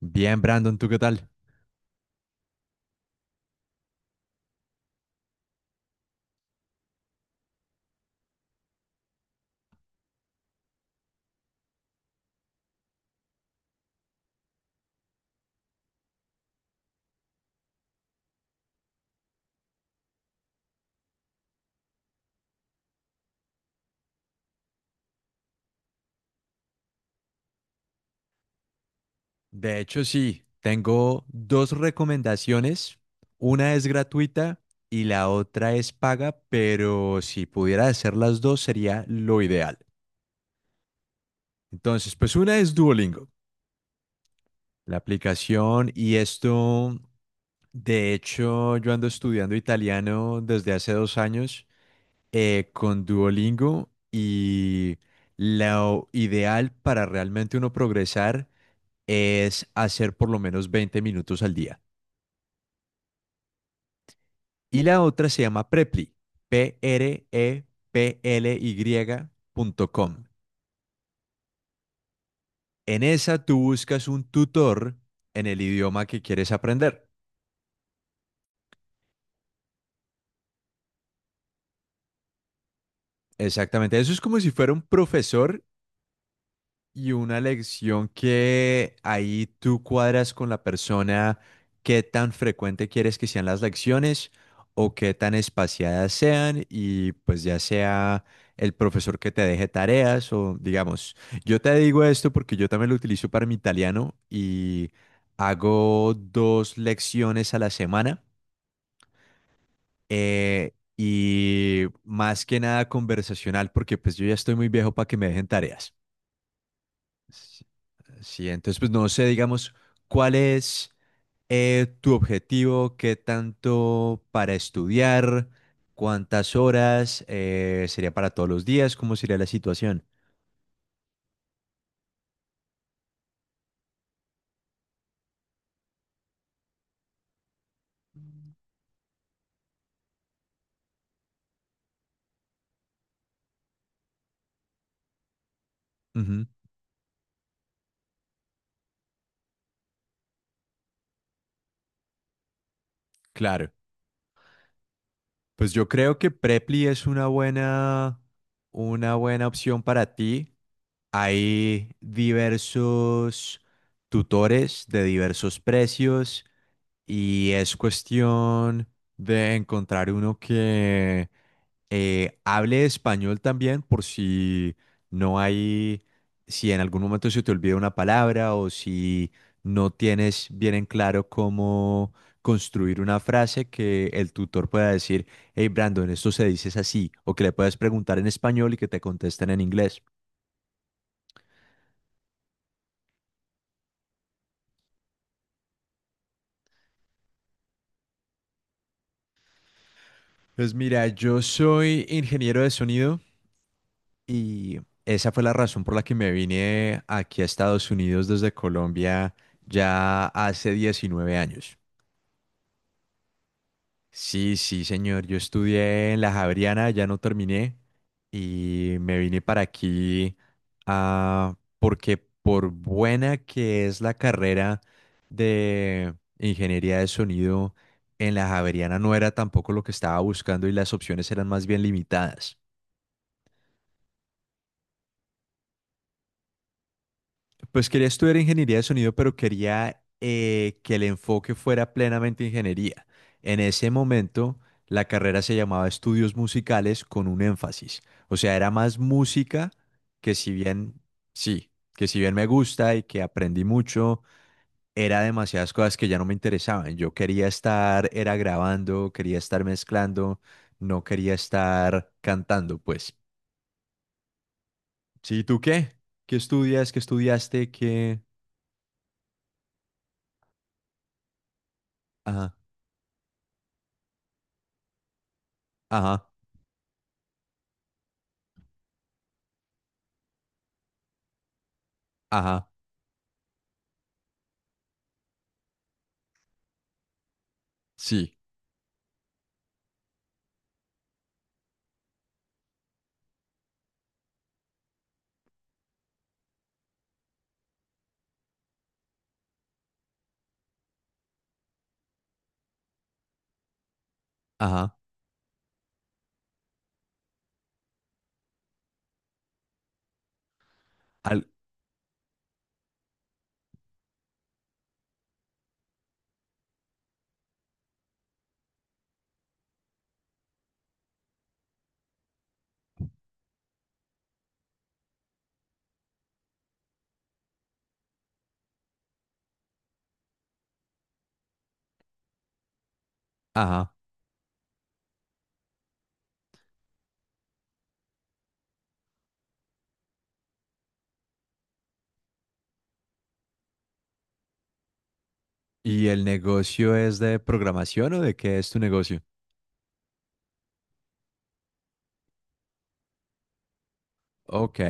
Bien, Brandon, ¿tú qué tal? De hecho, sí, tengo dos recomendaciones. Una es gratuita y la otra es paga, pero si pudiera hacer las dos sería lo ideal. Entonces, pues una es Duolingo, la aplicación y esto, de hecho, yo ando estudiando italiano desde hace 2 años con Duolingo y lo ideal para realmente uno progresar es hacer por lo menos 20 minutos al día. Y la otra se llama Preply, Preply.com. En esa tú buscas un tutor en el idioma que quieres aprender. Exactamente, eso es como si fuera un profesor. Y una lección que ahí tú cuadras con la persona, qué tan frecuente quieres que sean las lecciones o qué tan espaciadas sean y pues ya sea el profesor que te deje tareas o digamos, yo te digo esto porque yo también lo utilizo para mi italiano y hago dos lecciones a la semana, y más que nada conversacional porque pues yo ya estoy muy viejo para que me dejen tareas. S- Sí, entonces pues no sé, digamos, ¿cuál es tu objetivo? ¿Qué tanto para estudiar? ¿Cuántas horas? ¿Sería para todos los días? ¿Cómo sería la situación? Ujú, claro. Pues yo creo que Preply es una buena opción para ti. Hay diversos tutores de diversos precios y es cuestión de encontrar uno que hable español también por si no hay, si en algún momento se te olvida una palabra o si no tienes bien en claro cómo construir una frase que el tutor pueda decir, hey Brandon, esto se dice es así, o que le puedas preguntar en español y que te contesten en inglés. Pues mira, yo soy ingeniero de sonido y esa fue la razón por la que me vine aquí a Estados Unidos desde Colombia ya hace 19 años. Sí, sí, señor. Yo estudié en la Javeriana, ya no terminé y me vine para aquí, porque por buena que es la carrera de ingeniería de sonido, en la Javeriana no era tampoco lo que estaba buscando y las opciones eran más bien limitadas. Pues quería estudiar ingeniería de sonido, pero quería que el enfoque fuera plenamente ingeniería. En ese momento, la carrera se llamaba estudios musicales con un énfasis. O sea, era más música que si bien, sí, que si bien me gusta y que aprendí mucho, era demasiadas cosas que ya no me interesaban. Yo quería estar, era grabando, quería estar mezclando, no quería estar cantando, pues. Sí, ¿tú qué? ¿Qué estudias? ¿Qué estudiaste? ¿Qué? Ajá, ajá. Ajá, sí, ajá, al, ajá. ¿Y el negocio es de programación o de qué es tu negocio? Ok,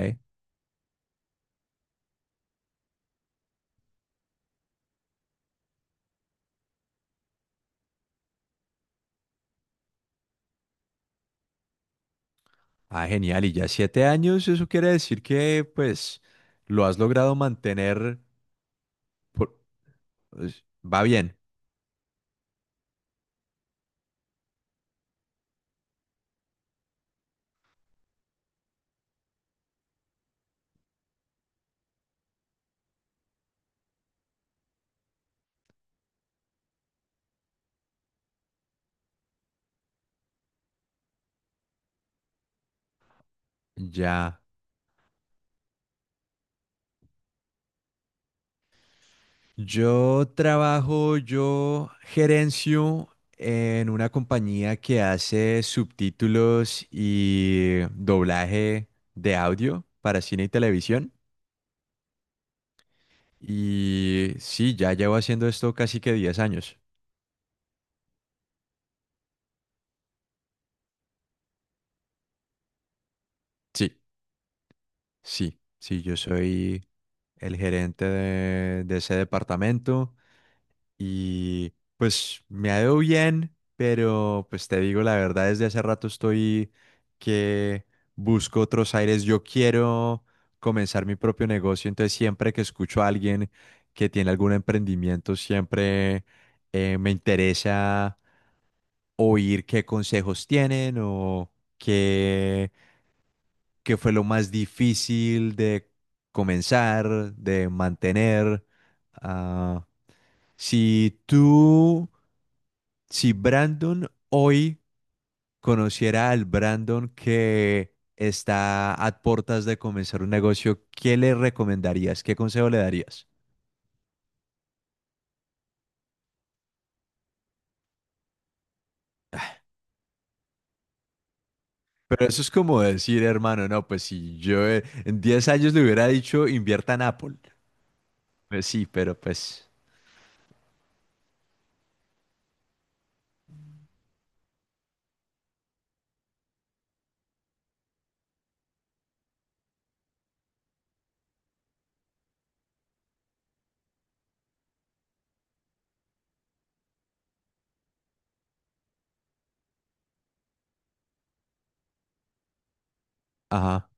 ah, genial. Y ya 7 años, eso quiere decir que, pues, lo has logrado mantener, por- pues, va bien. Ya. Yo trabajo, yo gerencio en una compañía que hace subtítulos y doblaje de audio para cine y televisión. Y sí, ya llevo haciendo esto casi que 10 años. Sí, sí, sí, yo soy el gerente de ese departamento y pues me ha ido bien, pero pues te digo la verdad, desde hace rato estoy que busco otros aires. Yo quiero comenzar mi propio negocio, entonces siempre que escucho a alguien que tiene algún emprendimiento, siempre me interesa oír qué consejos tienen o qué, qué fue lo más difícil de comenzar, de mantener. Ah, si tú, si Brandon hoy conociera al Brandon que está a puertas de comenzar un negocio, ¿qué le recomendarías? ¿Qué consejo le darías? Pero eso es como decir, hermano, no, pues si yo en 10 años le hubiera dicho, invierta en Apple. Pues sí, pero pues. Ajá.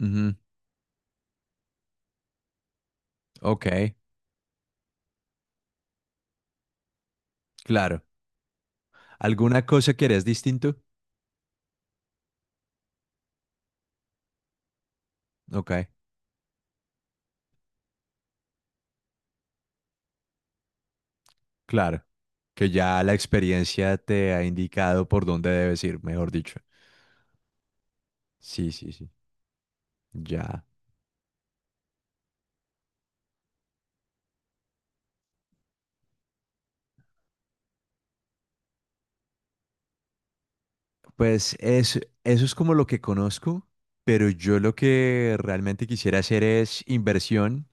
Ujú. Ok, claro. ¿Alguna cosa que eres distinto? Ok, claro. Que ya la experiencia te ha indicado por dónde debes ir, mejor dicho. Sí, sí, sí. Ya. Eso es como lo que conozco, pero yo lo que realmente quisiera hacer es inversión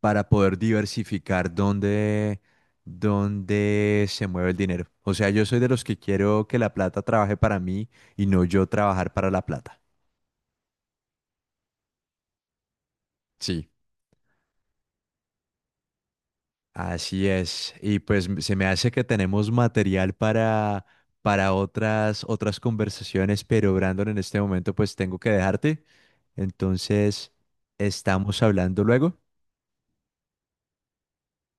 para poder diversificar dónde se mueve el dinero. O sea, yo soy de los que quiero que la plata trabaje para mí y no yo trabajar para la plata. Sí. Así es. Y pues se me hace que tenemos material para otras, otras conversaciones, pero Brandon, en este momento pues tengo que dejarte. Entonces, estamos hablando luego.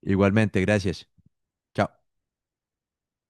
Igualmente, gracias. Chao.